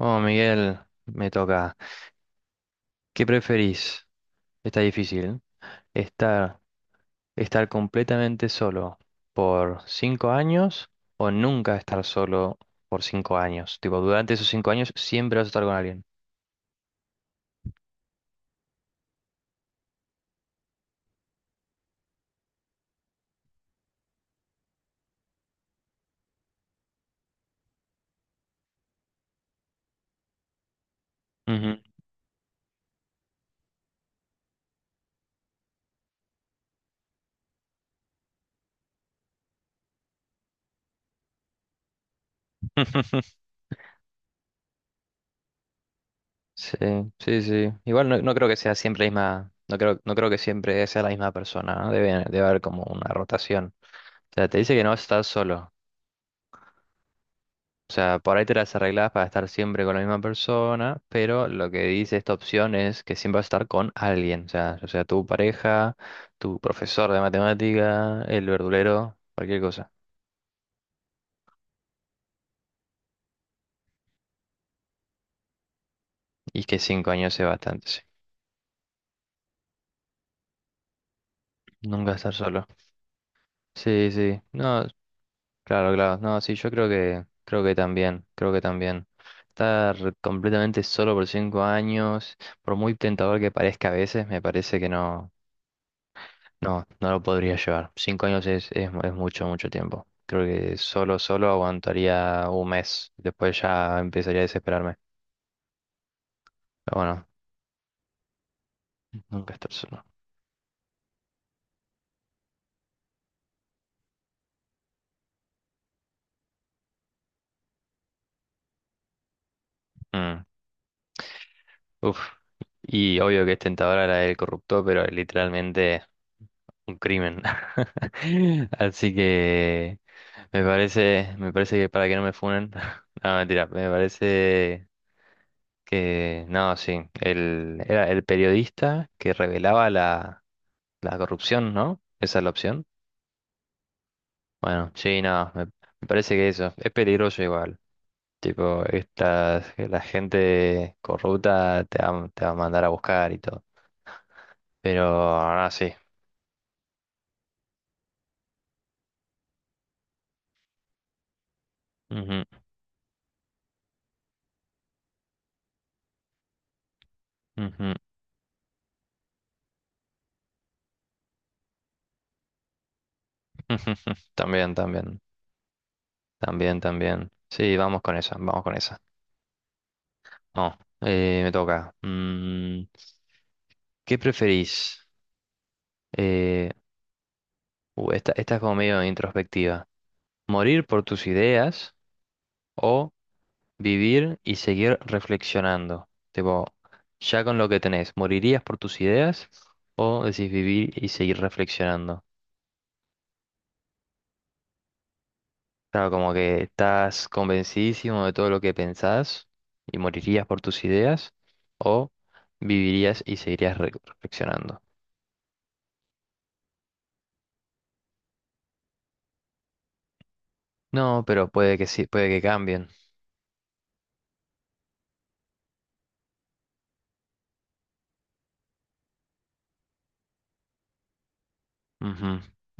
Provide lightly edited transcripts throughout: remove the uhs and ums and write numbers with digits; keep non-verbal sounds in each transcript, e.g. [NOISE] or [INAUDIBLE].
Oh, Miguel, me toca. ¿Qué preferís? Está difícil. ¿Estar, estar completamente solo por 5 años o nunca estar solo por 5 años? Tipo, durante esos 5 años siempre vas a estar con alguien. Ujú. [LAUGHS] Sí, sí, sí. Igual no creo que sea siempre la misma, no creo que siempre sea la misma persona, ¿no? Debe haber como una rotación. O sea, te dice que no vas a estar solo. O sea, por ahí te las arreglas para estar siempre con la misma persona, pero lo que dice esta opción es que siempre vas a estar con alguien, o sea, tu pareja, tu profesor de matemática, el verdulero, cualquier cosa. Y que 5 años es bastante, sí. Nunca estar solo. Sí, sí. No, claro, claro. No, sí, creo que también, creo que también. Estar completamente solo por cinco años, por muy tentador que parezca a veces, me parece que no. No, no lo podría llevar. 5 años es mucho, mucho tiempo. Creo que solo aguantaría 1 mes. Después ya empezaría a desesperarme. Pero bueno, nunca estar solo. Mm. Uf. Y obvio que es tentadora la del corrupto, pero literalmente un crimen. [LAUGHS] Así que me parece que para que no me funen. [LAUGHS] No, mentira, me parece que no, sí. Era el periodista que revelaba la corrupción, ¿no? Esa es la opción. Bueno, sí, no, me parece que eso es peligroso igual. Tipo, esta, la gente corrupta te va a mandar a buscar y todo. Pero ahora sí. Ujú, ujú. Ujú. [LAUGHS] También, también, también, también. Sí, vamos con esa, vamos con esa. No, me toca. ¿Qué preferís? Eh, esta es como medio introspectiva. ¿Morir por tus ideas o vivir y seguir reflexionando? Tipo, ya con lo que tenés, ¿morirías por tus ideas o decís vivir y seguir reflexionando? Claro, como que estás convencidísimo de todo lo que pensás y morirías por tus ideas o vivirías y seguirías reflexionando. No, pero puede que sí, puede que cambien. Ujú,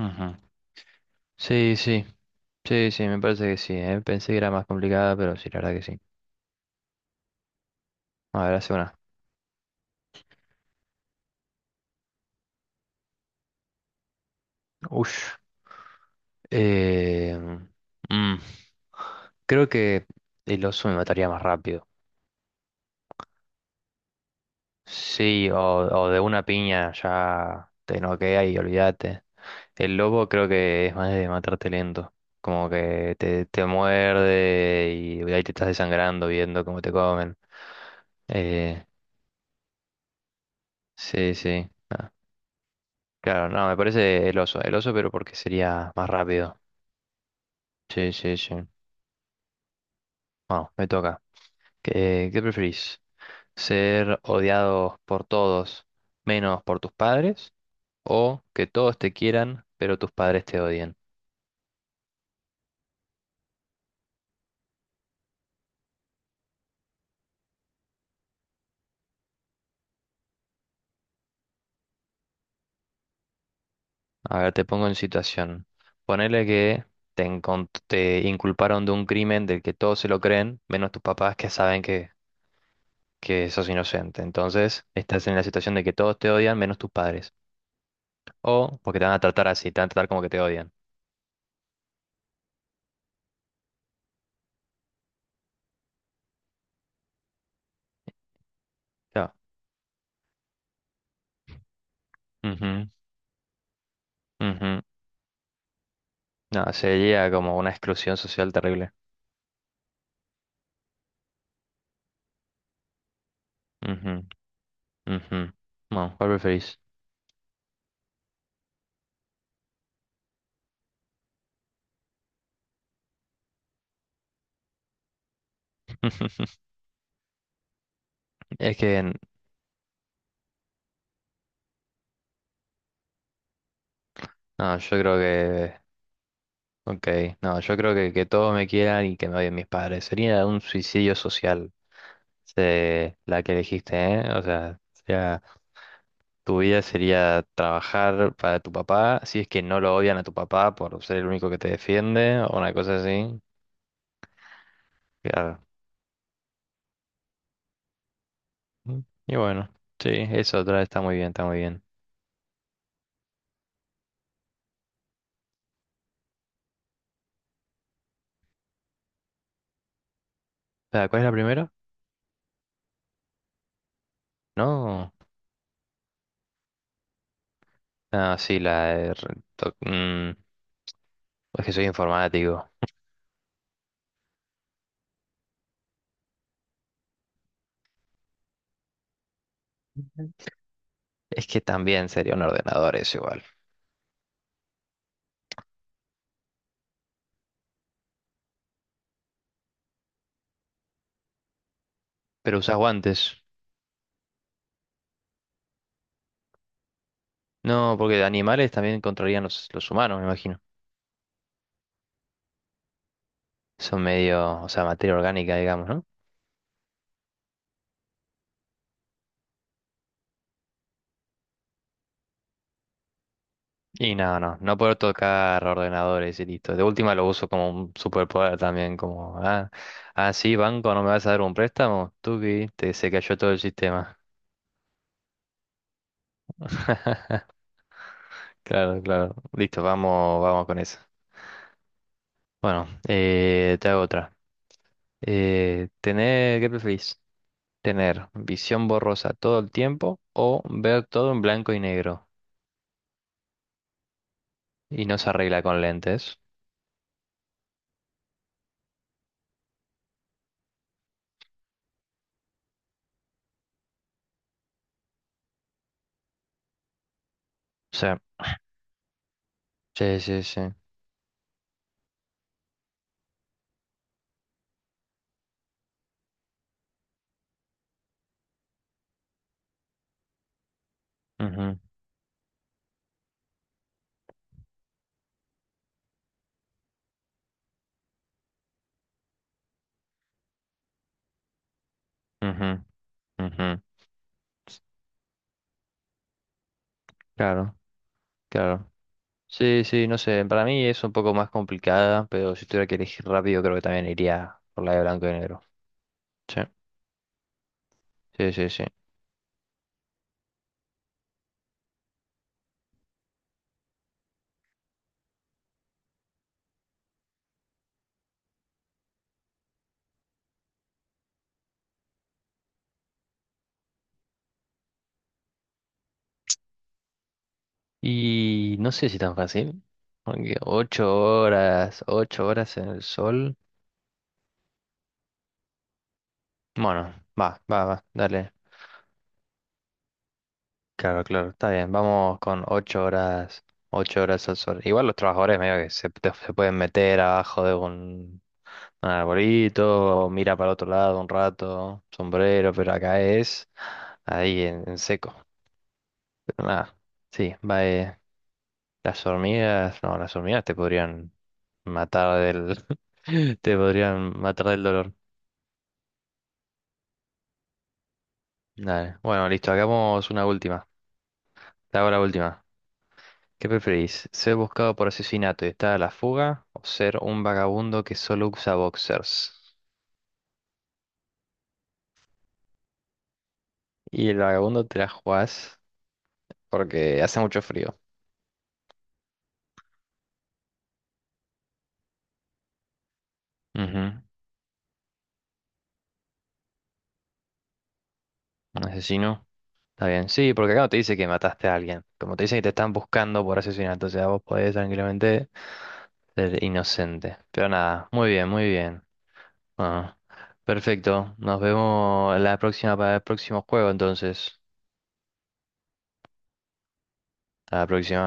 ujú. Sí, sí, sí, sí, me parece que sí, ¿eh? Pensé que era más complicada, pero sí, la verdad que sí. A ver, hace una. Ush. Eh, mm, creo que el oso me mataría más rápido. Sí, o de una piña ya te noquea y olvídate. El lobo creo que es más de matarte lento. Como que te muerde y ahí te estás desangrando viendo cómo te comen. Eh, sí, sí. Ah, claro, no, me parece el oso. El oso, pero porque sería más rápido. Sí, sí, sí. Bueno, me toca. ¿Qué preferís? ¿Ser odiado por todos menos por tus padres? ¿O que todos te quieran pero tus padres te odien? A ver, te pongo en situación. Ponele que te inculparon de un crimen del que todos se lo creen, menos tus papás que saben que sos inocente. Entonces, estás en la situación de que todos te odian menos tus padres. O porque te van a tratar así, te van a tratar como que te odian. No, ujú, ujú. No, sería como una exclusión social terrible. Ujú. Ujú. No, ¿cuál preferís? Es que, no, ok, no, yo creo que todos me quieran y que me odien mis padres. Sería un suicidio social, la que elegiste, ¿eh? O sea, tu vida sería trabajar para tu papá, si es que no lo odian a tu papá por ser el único que te defiende o una cosa así. Claro. Mm, y bueno, sí, eso otra está muy bien, está muy bien. Ah, ¿cuál es la primera? No, sí, la de es que soy informático. Es que también sería un ordenador eso igual. Pero usas guantes. No, porque de animales también controlarían los humanos, me imagino. Son medio, o sea, materia orgánica, digamos, ¿no? Y no puedo tocar ordenadores y listo. De última lo uso como un superpoder también, como, sí, banco, ¿no me vas a dar un préstamo? Tuki, te se cayó todo el sistema. [LAUGHS] Claro, claro. Listo, vamos con eso. Bueno, te hago otra. ¿Qué preferís? ¿Tener visión borrosa todo el tiempo o ver todo en blanco y negro y no se arregla con lentes? Sí, sí, sí, sí. Ujú, ujú, ujú. Claro, claro. Sí, sí, no sé, para mí es un poco más complicada, pero si tuviera que elegir rápido creo que también iría por la de blanco y negro. Sí, sí, sí, sí. Y no sé si tan fácil, porque 8 horas, 8 horas en el sol. Bueno, va, va, va, dale. Claro, claro, está bien. Vamos con 8 horas, 8 horas al sol. Igual los trabajadores medio que se pueden meter abajo de un arbolito, o mira para otro lado un rato, sombrero, pero acá es ahí en seco. Pero nada, sí, va. Las hormigas, no, las hormigas te podrían matar del... [LAUGHS] te podrían matar del dolor. Dale. Bueno, listo, hagamos una última. Te hago la última. ¿Qué preferís? ¿Ser buscado por asesinato y estar a la fuga? ¿O ser un vagabundo que solo usa boxers? Y el vagabundo te la jugás porque hace mucho frío. Ujú. Un asesino. Está bien. Sí, porque acá no te dice que mataste a alguien. Como te dicen que te están buscando por asesinato. O sea, vos podés tranquilamente ser inocente. Pero nada, muy bien, muy bien. Ah, perfecto. Nos vemos la próxima para el próximo juego, entonces. A la próxima.